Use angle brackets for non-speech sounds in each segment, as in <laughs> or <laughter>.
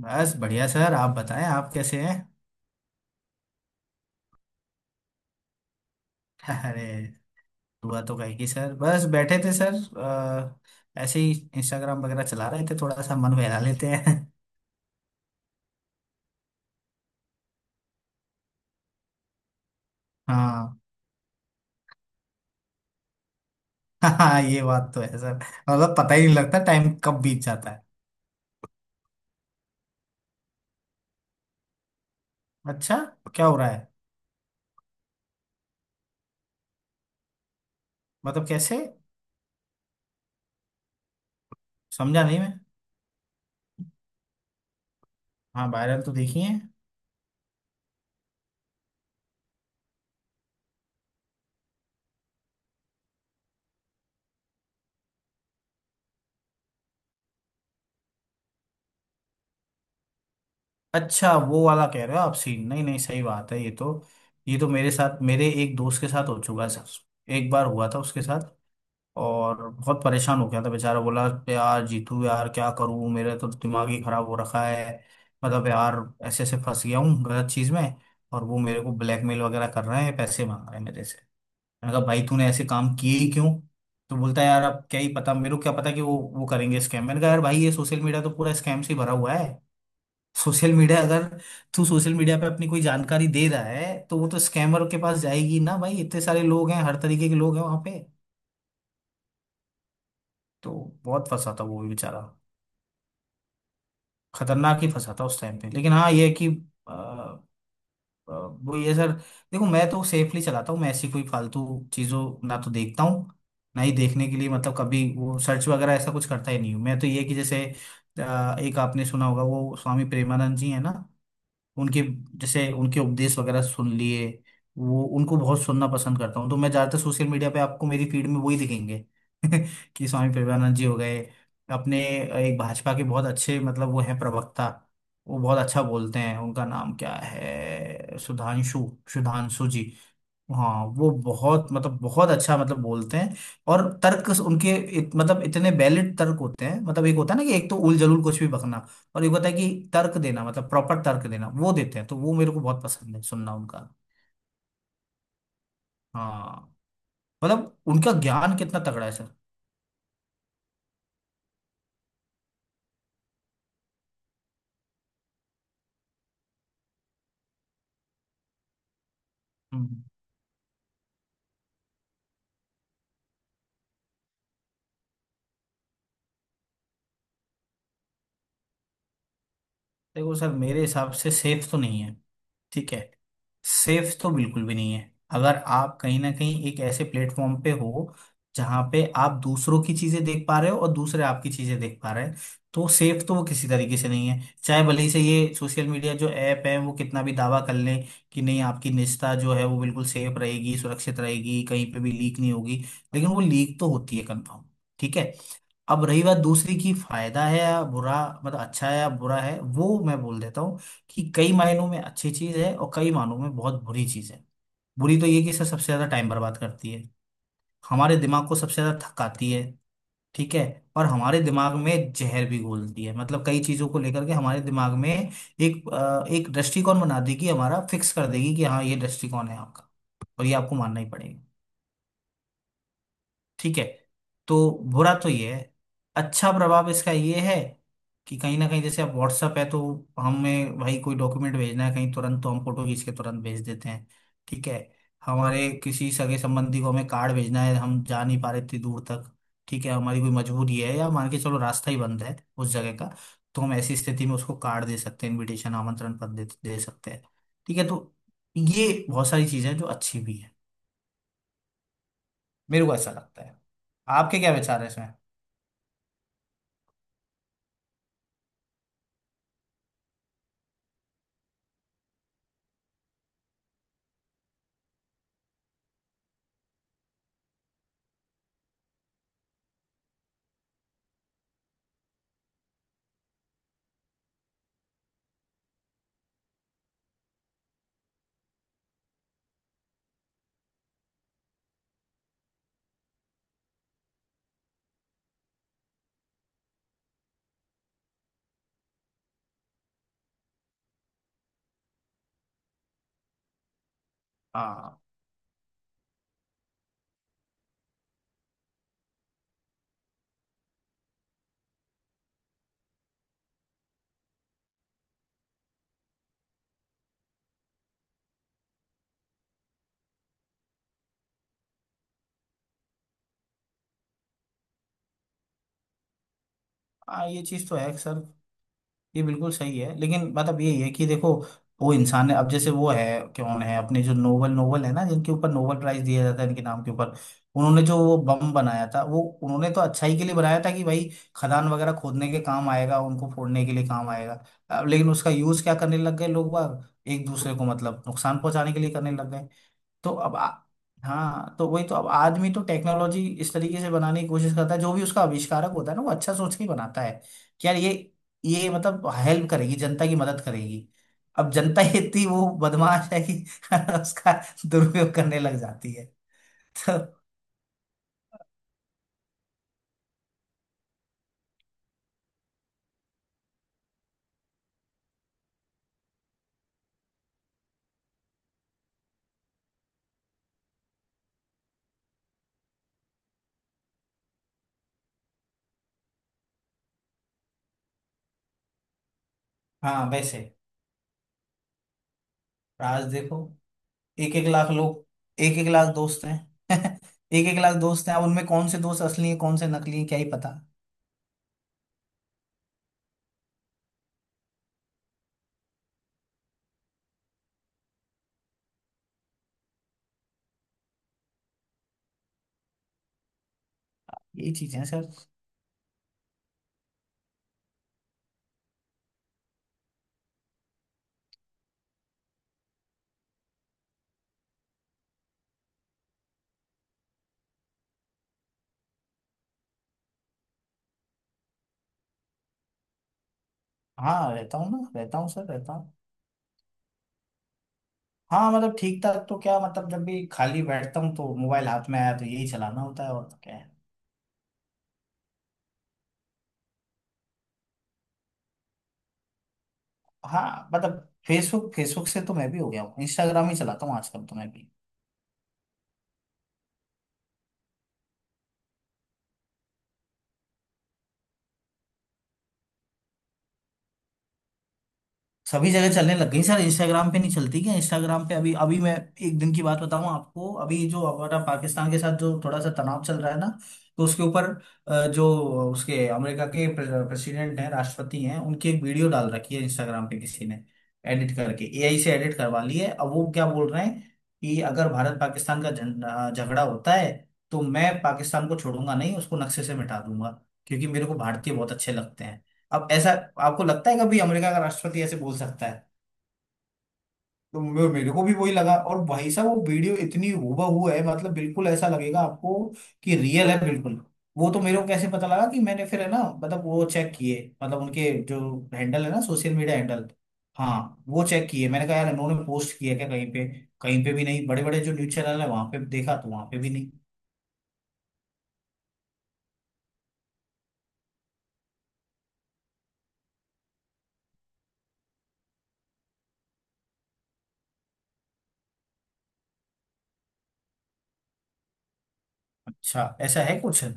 बस बढ़िया सर। आप बताएं, आप कैसे हैं? <laughs> अरे, दुआ तो कहेगी सर। बस बैठे थे सर ऐसे ही इंस्टाग्राम वगैरह चला रहे थे, थोड़ा सा मन बहला लेते हैं। <laughs> हाँ। <laughs> हाँ, ये बात तो है सर। मतलब पता ही नहीं लगता टाइम कब बीत जाता है। अच्छा, क्या हो रहा है? मतलब कैसे? समझा नहीं मैं। हाँ, वायरल तो देखी है। अच्छा, वो वाला कह रहे हो आप सीन। नहीं नहीं, सही बात है ये तो। ये तो मेरे साथ, मेरे एक दोस्त के साथ हो चुका है सर। एक बार हुआ था उसके साथ और बहुत परेशान हो गया था बेचारा। बोला, यार जीतू, यार क्या करूं, मेरा तो दिमाग ही खराब हो रखा है। मतलब यार, ऐसे ऐसे फंस गया हूँ गलत चीज में। और वो मेरे को ब्लैकमेल वगैरह कर रहे हैं, पैसे मांग रहे हैं मेरे से। मैंने कहा, भाई तूने ऐसे काम किए ही क्यों? तो बोलता है, यार अब क्या ही पता, मेरे को क्या पता कि वो करेंगे स्कैम। मैंने कहा, यार भाई ये सोशल मीडिया तो पूरा स्कैम से ही भरा हुआ है। सोशल मीडिया अगर तू सोशल मीडिया पे अपनी कोई जानकारी दे रहा है, तो वो तो स्कैमर के पास जाएगी ना भाई। इतने सारे लोग हैं, हर तरीके के लोग हैं वहां पे। तो बहुत फंसा था वो भी बेचारा, खतरनाक ही फंसा था उस टाइम पे। लेकिन हाँ ये है कि अ, वो ये सर, देखो मैं तो सेफली चलाता हूँ। मैं ऐसी कोई फालतू चीज़ों ना तो देखता हूँ ना ही देखने के लिए मतलब कभी वो सर्च वगैरह ऐसा कुछ करता ही नहीं हूँ। मैं तो ये है कि जैसे एक आपने सुना होगा वो स्वामी प्रेमानंद जी है ना, उनके, जैसे उनके उपदेश वगैरह सुन लिए। वो, उनको बहुत सुनना पसंद करता हूँ, तो मैं ज्यादातर सोशल मीडिया पे आपको मेरी फीड में वही दिखेंगे। <laughs> कि स्वामी प्रभुपाद जी हो गए, अपने एक भाजपा के बहुत अच्छे, मतलब वो हैं प्रवक्ता, वो बहुत अच्छा बोलते हैं। उनका नाम क्या है, सुधांशु, सुधांशु जी। हाँ वो बहुत, मतलब बहुत अच्छा मतलब बोलते हैं। और तर्क उनके मतलब इतने वैलिड तर्क होते हैं। मतलब एक होता है ना कि एक तो उल जलूल कुछ भी बकना, और एक होता है कि तर्क देना, मतलब प्रॉपर तर्क देना। वो देते हैं, तो वो मेरे को बहुत पसंद है सुनना उनका। हाँ, मतलब उनका ज्ञान कितना तगड़ा है सर। हम्म। देखो सर, मेरे हिसाब से सेफ तो नहीं है। ठीक है, सेफ तो बिल्कुल भी नहीं है। अगर आप कहीं ना कहीं एक ऐसे प्लेटफॉर्म पे हो जहां पे आप दूसरों की चीजें देख पा रहे हो और दूसरे आपकी चीजें देख पा रहे हैं, तो सेफ तो वो किसी तरीके से नहीं है। चाहे भले ही से ये सोशल मीडिया जो ऐप है वो कितना भी दावा कर लें कि नहीं, आपकी निजता जो है वो बिल्कुल सेफ रहेगी, सुरक्षित रहेगी, कहीं पे भी लीक नहीं होगी, लेकिन वो लीक तो होती है कंफर्म। ठीक है। अब रही बात दूसरी की, फायदा है या बुरा, मतलब अच्छा है या बुरा है, वो मैं बोल देता हूँ कि कई मायनों में अच्छी चीज है और कई मायनों में बहुत बुरी चीज है। बुरी तो ये कि सर सबसे ज्यादा टाइम बर्बाद करती है, हमारे दिमाग को सबसे ज्यादा थकाती है। ठीक है। और हमारे दिमाग में जहर भी घोलती है। मतलब कई चीजों को लेकर के हमारे दिमाग में एक एक दृष्टिकोण बना देगी, हमारा फिक्स कर देगी कि हाँ ये दृष्टिकोण है आपका, और ये आपको मानना ही पड़ेगा। ठीक है, तो बुरा तो ये है। अच्छा प्रभाव इसका ये है कि कहीं ना कहीं जैसे अब व्हाट्सअप है, तो हमें भाई कोई डॉक्यूमेंट भेजना है कहीं तुरंत, तो हम फोटो खींच के तुरंत भेज देते हैं। ठीक है। हमारे किसी सगे संबंधी को हमें कार्ड भेजना है, हम जा नहीं पा रहे इतनी दूर तक। ठीक है, हमारी कोई मजबूरी है, या मान के चलो रास्ता ही बंद है उस जगह का, तो हम ऐसी स्थिति में उसको कार्ड दे सकते हैं, इनविटेशन आमंत्रण पत्र दे सकते हैं। ठीक है। तो ये बहुत सारी चीजें हैं जो अच्छी भी है, मेरे को ऐसा लगता है। आपके क्या विचार है? हाँ, हाँ ये चीज़ तो है सर। ये बिल्कुल सही है, लेकिन बात अब यही है कि देखो वो इंसान है। अब जैसे वो है, कौन है अपने जो नोबल नोबल है ना, जिनके ऊपर नोबल प्राइज दिया जाता है, इनके नाम के ऊपर उन्होंने जो वो बम बनाया था, वो उन्होंने तो अच्छाई के लिए बनाया था कि भाई खदान वगैरह खोदने के काम आएगा, उनको फोड़ने के लिए काम आएगा। अब लेकिन उसका यूज क्या करने लग गए लोग बाग, एक दूसरे को मतलब नुकसान पहुंचाने के लिए करने लग गए। तो अब हाँ, तो वही तो। अब आदमी तो टेक्नोलॉजी इस तरीके से बनाने की कोशिश करता है, जो भी उसका आविष्कारक होता है ना, वो अच्छा सोच के ही बनाता है कि यार ये मतलब हेल्प करेगी, जनता की मदद करेगी। अब जनता ही इतनी वो बदमाश है कि <laughs> उसका दुरुपयोग करने लग जाती है। तो हाँ वैसे, आज देखो एक एक लाख लोग, एक एक लाख दोस्त हैं। <laughs> एक एक लाख दोस्त हैं, अब उनमें कौन से दोस्त असली हैं कौन से नकली हैं क्या ही पता। यही चीजें हैं सर। हाँ रहता हूँ ना, रहता हूँ सर, रहता हूँ। हाँ मतलब ठीक ठाक, तो क्या मतलब, जब भी खाली बैठता हूँ तो मोबाइल हाथ में आया तो यही चलाना होता है, और तो क्या है। हाँ मतलब, फेसबुक, फेसबुक से तो मैं भी हो गया हूँ, इंस्टाग्राम ही चलाता हूँ आजकल तो मैं भी। सभी जगह चलने लग गई सर। इंस्टाग्राम पे नहीं चलती क्या? इंस्टाग्राम पे अभी अभी मैं एक दिन की बात बताऊं आपको। अभी जो हमारा पाकिस्तान के साथ जो थोड़ा सा तनाव चल रहा है ना, तो उसके ऊपर जो उसके अमेरिका के प्रेसिडेंट हैं, राष्ट्रपति हैं, उनकी एक वीडियो डाल रखी है इंस्टाग्राम पे किसी ने, एडिट करके एआई से एडिट करवा ली है। अब वो क्या बोल रहे हैं कि अगर भारत पाकिस्तान का झगड़ा होता है तो मैं पाकिस्तान को छोड़ूंगा नहीं, उसको नक्शे से मिटा दूंगा, क्योंकि मेरे को भारतीय बहुत अच्छे लगते हैं। अब ऐसा आपको लगता है कभी अमेरिका का राष्ट्रपति ऐसे बोल सकता है? तो मेरे को भी वही लगा। और भाई साहब वो वीडियो इतनी हूबहू है, मतलब बिल्कुल ऐसा लगेगा आपको कि रियल है बिल्कुल। वो तो मेरे को कैसे पता लगा कि मैंने फिर है ना, मतलब वो चेक किए, मतलब उनके जो हैंडल है ना, सोशल मीडिया हैंडल। हाँ, वो चेक किए। मैंने कहा यार इन्होंने पोस्ट किया क्या कहीं पे, कहीं पे भी नहीं। बड़े बड़े जो न्यूज चैनल है वहां पे देखा तो वहां पे भी नहीं। अच्छा, ऐसा है कुछ, अरे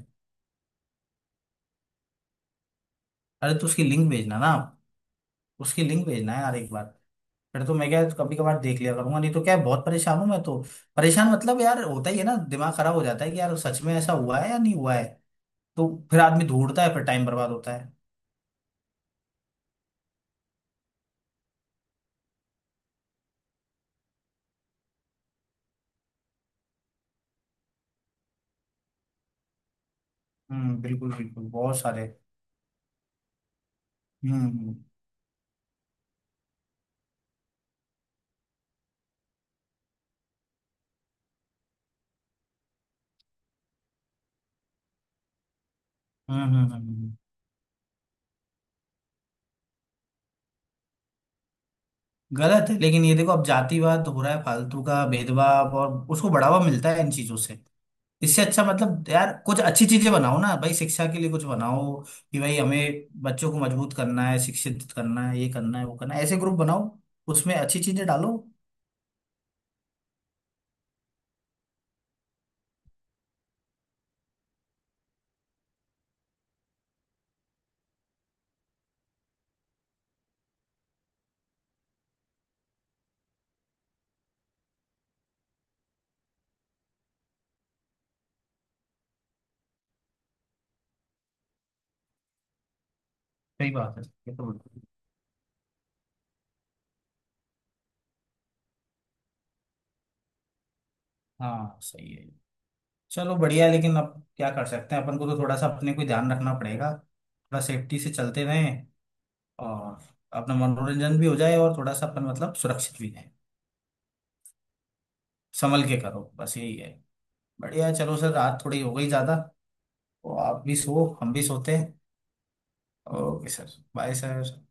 तो उसकी लिंक भेजना ना आप। उसकी लिंक भेजना है यार एक बार। फिर तो मैं क्या कभी कभार देख लिया करूंगा, नहीं तो क्या है, बहुत परेशान हूँ मैं तो। परेशान मतलब यार होता ही है ना, दिमाग खराब हो जाता है कि यार सच में ऐसा हुआ है या नहीं हुआ है। तो फिर आदमी ढूंढता है, फिर टाइम बर्बाद होता है। हम्म, बिल्कुल बिल्कुल, बहुत सारे। हम्म, हम्म। हम्म। हम्म। गलत है। लेकिन ये देखो अब जातिवाद हो रहा है फालतू का, भेदभाव, और उसको बढ़ावा मिलता है इन चीजों से। इससे अच्छा मतलब यार कुछ अच्छी चीजें बनाओ ना भाई। शिक्षा के लिए कुछ बनाओ कि भाई हमें बच्चों को मजबूत करना है, शिक्षित करना है, ये करना है, वो करना है, ऐसे ग्रुप बनाओ, उसमें अच्छी चीजें डालो। सही बात है, ये तो बिल्कुल। हाँ सही है। चलो बढ़िया है, लेकिन अब क्या कर सकते हैं, अपन को तो थोड़ा सा अपने को ध्यान रखना पड़ेगा, थोड़ा सेफ्टी से चलते रहें, और अपना मनोरंजन भी हो जाए और थोड़ा सा अपन मतलब सुरक्षित भी रहें। संभल के करो, बस यही है। बढ़िया है, चलो सर रात थोड़ी हो गई ज़्यादा, तो आप भी सो, हम भी सोते हैं। Okay sir, bye sir.